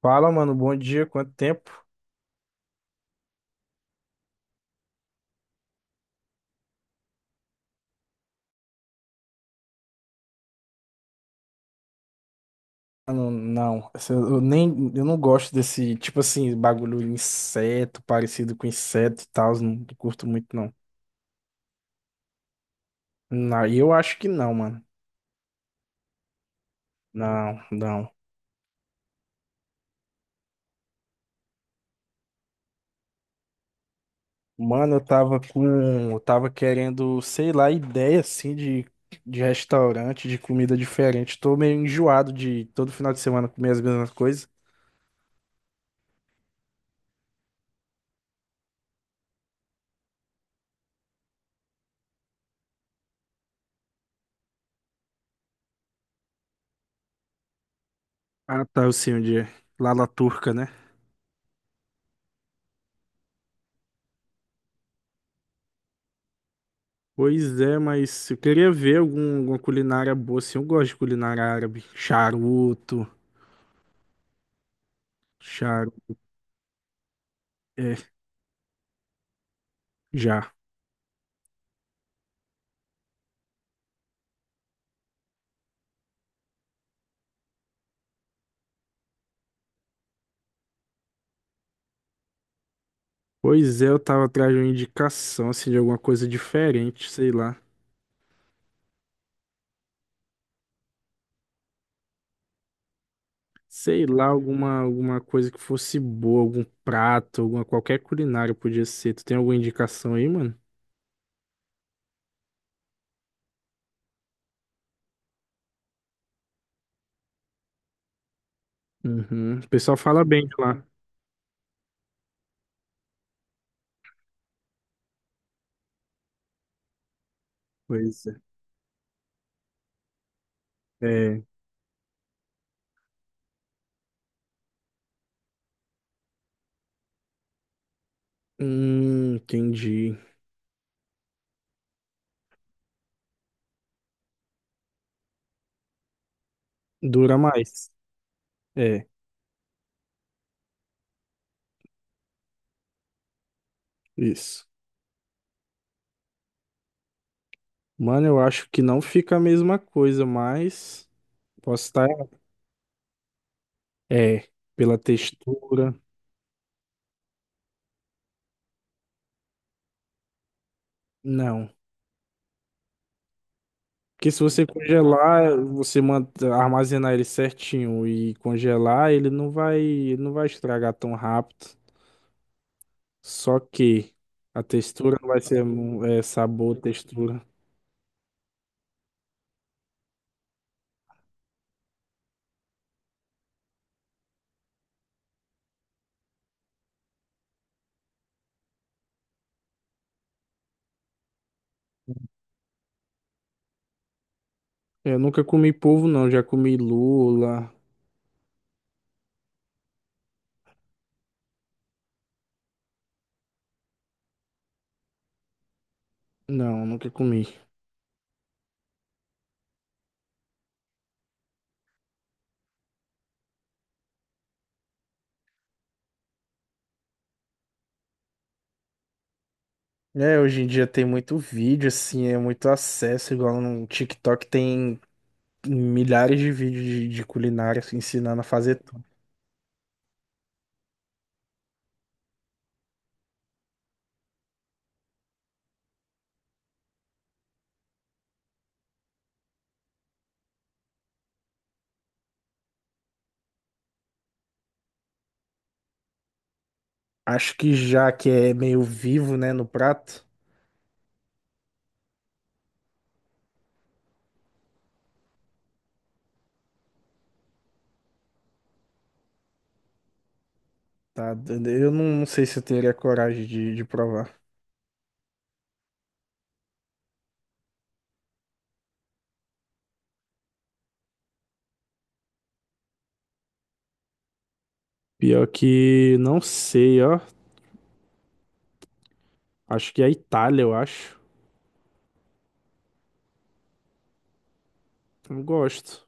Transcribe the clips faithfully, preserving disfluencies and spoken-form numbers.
Fala, mano, bom dia, quanto tempo? Mano, não, essa- eu nem, eu não gosto desse, tipo assim, bagulho inseto, parecido com inseto e tal, não, curto muito não. Não, e eu acho que não, mano. Não, não. Mano, eu tava com, eu tava querendo, sei lá, ideia assim de, de restaurante, de comida diferente. Tô meio enjoado de todo final de semana comer as mesmas coisas. Ah, tá, eu sei onde é. Lá na Turca, né? Pois é, mas eu queria ver algum, alguma culinária boa, assim. Eu gosto de culinária árabe. Charuto, charuto, é, já. Pois é, eu tava atrás de uma indicação, assim, de alguma coisa diferente, sei lá. Sei lá, alguma, alguma coisa que fosse boa, algum prato, alguma, qualquer culinária podia ser. Tu tem alguma indicação aí, mano? Uhum. O pessoal fala bem de lá. Pois é. É. Hum, entendi. Dura mais. É, isso. Mano, eu acho que não fica a mesma coisa, mas posso estar errado. É, pela textura. Não. Porque se você congelar, você manda, armazenar ele certinho e congelar, ele não vai, ele não vai estragar tão rápido. Só que a textura não vai ser mu- é, sabor, textura. Eu nunca comi polvo, não. Já comi lula. Não, nunca comi. É, hoje em dia tem muito vídeo, assim, é muito acesso, igual no TikTok tem milhares de vídeos de, de culinária assim, ensinando a fazer tudo. Acho que já que é meio vivo, né, no prato, tá? Eu não, não sei se eu teria coragem de, de provar. Pior que não sei, ó. Acho que é a Itália, eu acho. Eu gosto.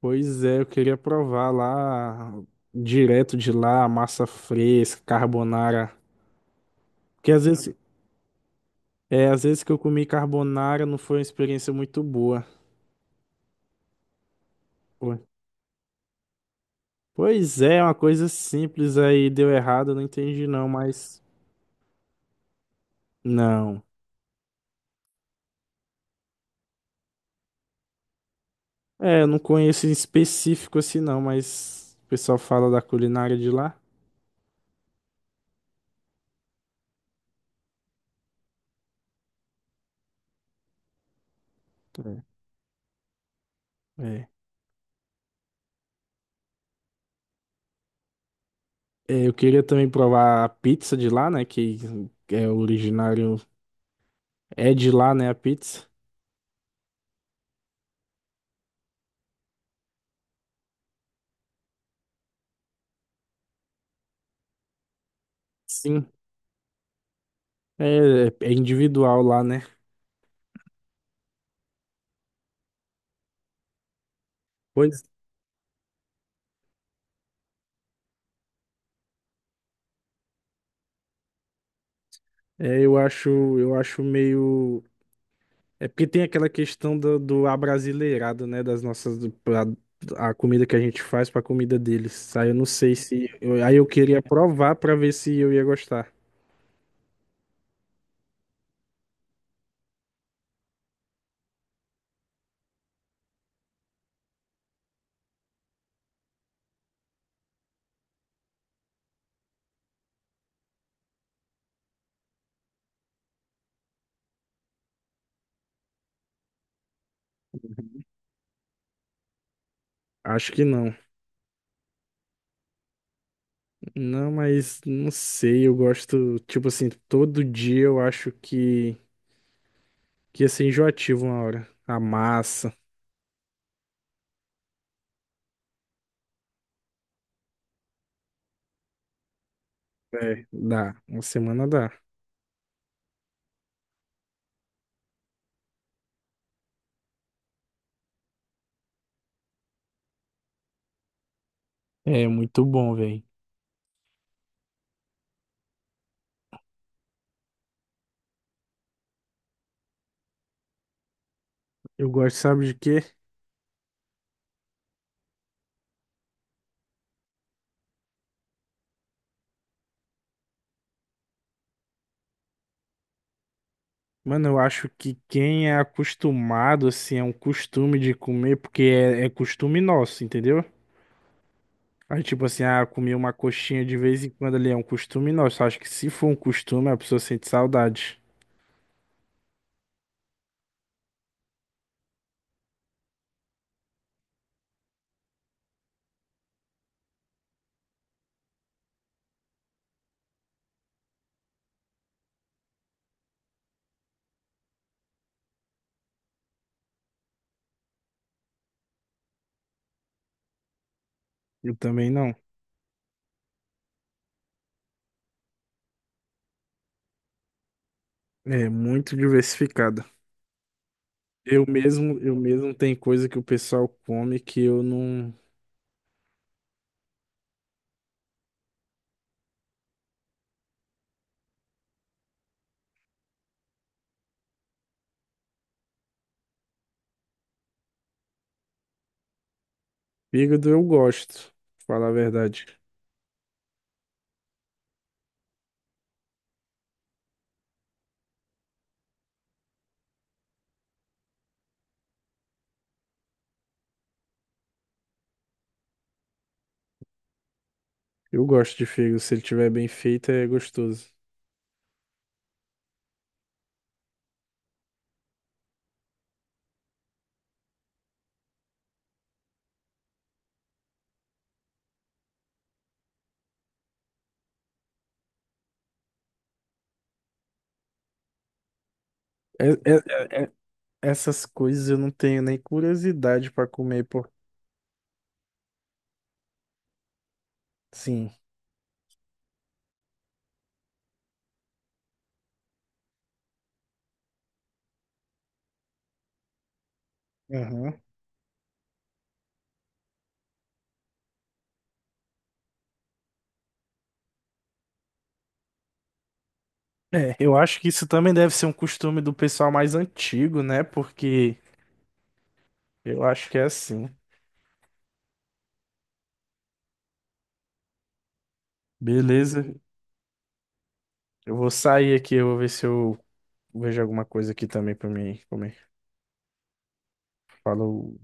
Pois é, eu queria provar lá direto de lá, massa fresca, carbonara. Porque às vezes, é, às vezes que eu comi carbonara não foi uma experiência muito boa. Pois é, é uma coisa simples aí deu errado, eu não entendi não, mas não. É, eu não conheço em específico assim não, mas o pessoal fala da culinária de lá. É. É. É, eu queria também provar a pizza de lá, né, que é originário, é de lá, né, a pizza. Sim. É, é individual lá, né? Pois é, eu acho, eu acho meio. É porque tem aquela questão do, do abrasileirado, né? Das nossas. Do- pra- a comida que a gente faz pra comida deles. Aí eu não sei se. Eu- aí eu queria provar pra ver se eu ia gostar. Acho que não. Não, mas não sei. Eu gosto. Tipo assim, todo dia eu acho que, que ia ser enjoativo uma hora. A massa. É, dá. Uma semana dá. É muito bom, velho. Eu gosto, sabe de quê? Mano, eu acho que quem é acostumado, assim, é um costume de comer, porque é, é costume nosso, entendeu? Aí, tipo assim, ah, comer uma coxinha de vez em quando ali é um costume nosso. Acho que se for um costume, a pessoa sente saudade. Eu também não. É muito diversificada. Eu mesmo, eu mesmo tem coisa que o pessoal come que eu não. Fígado eu gosto, pra falar a verdade. Eu gosto de fígado, se ele tiver bem feito, é gostoso. É, é, é, Essas coisas eu não tenho nem curiosidade pra comer, pô. Sim. Aham. É, eu acho que isso também deve ser um costume do pessoal mais antigo, né? Porque eu acho que é assim. Beleza, eu vou sair aqui, eu vou ver se eu vejo alguma coisa aqui também pra mim comer. Falou.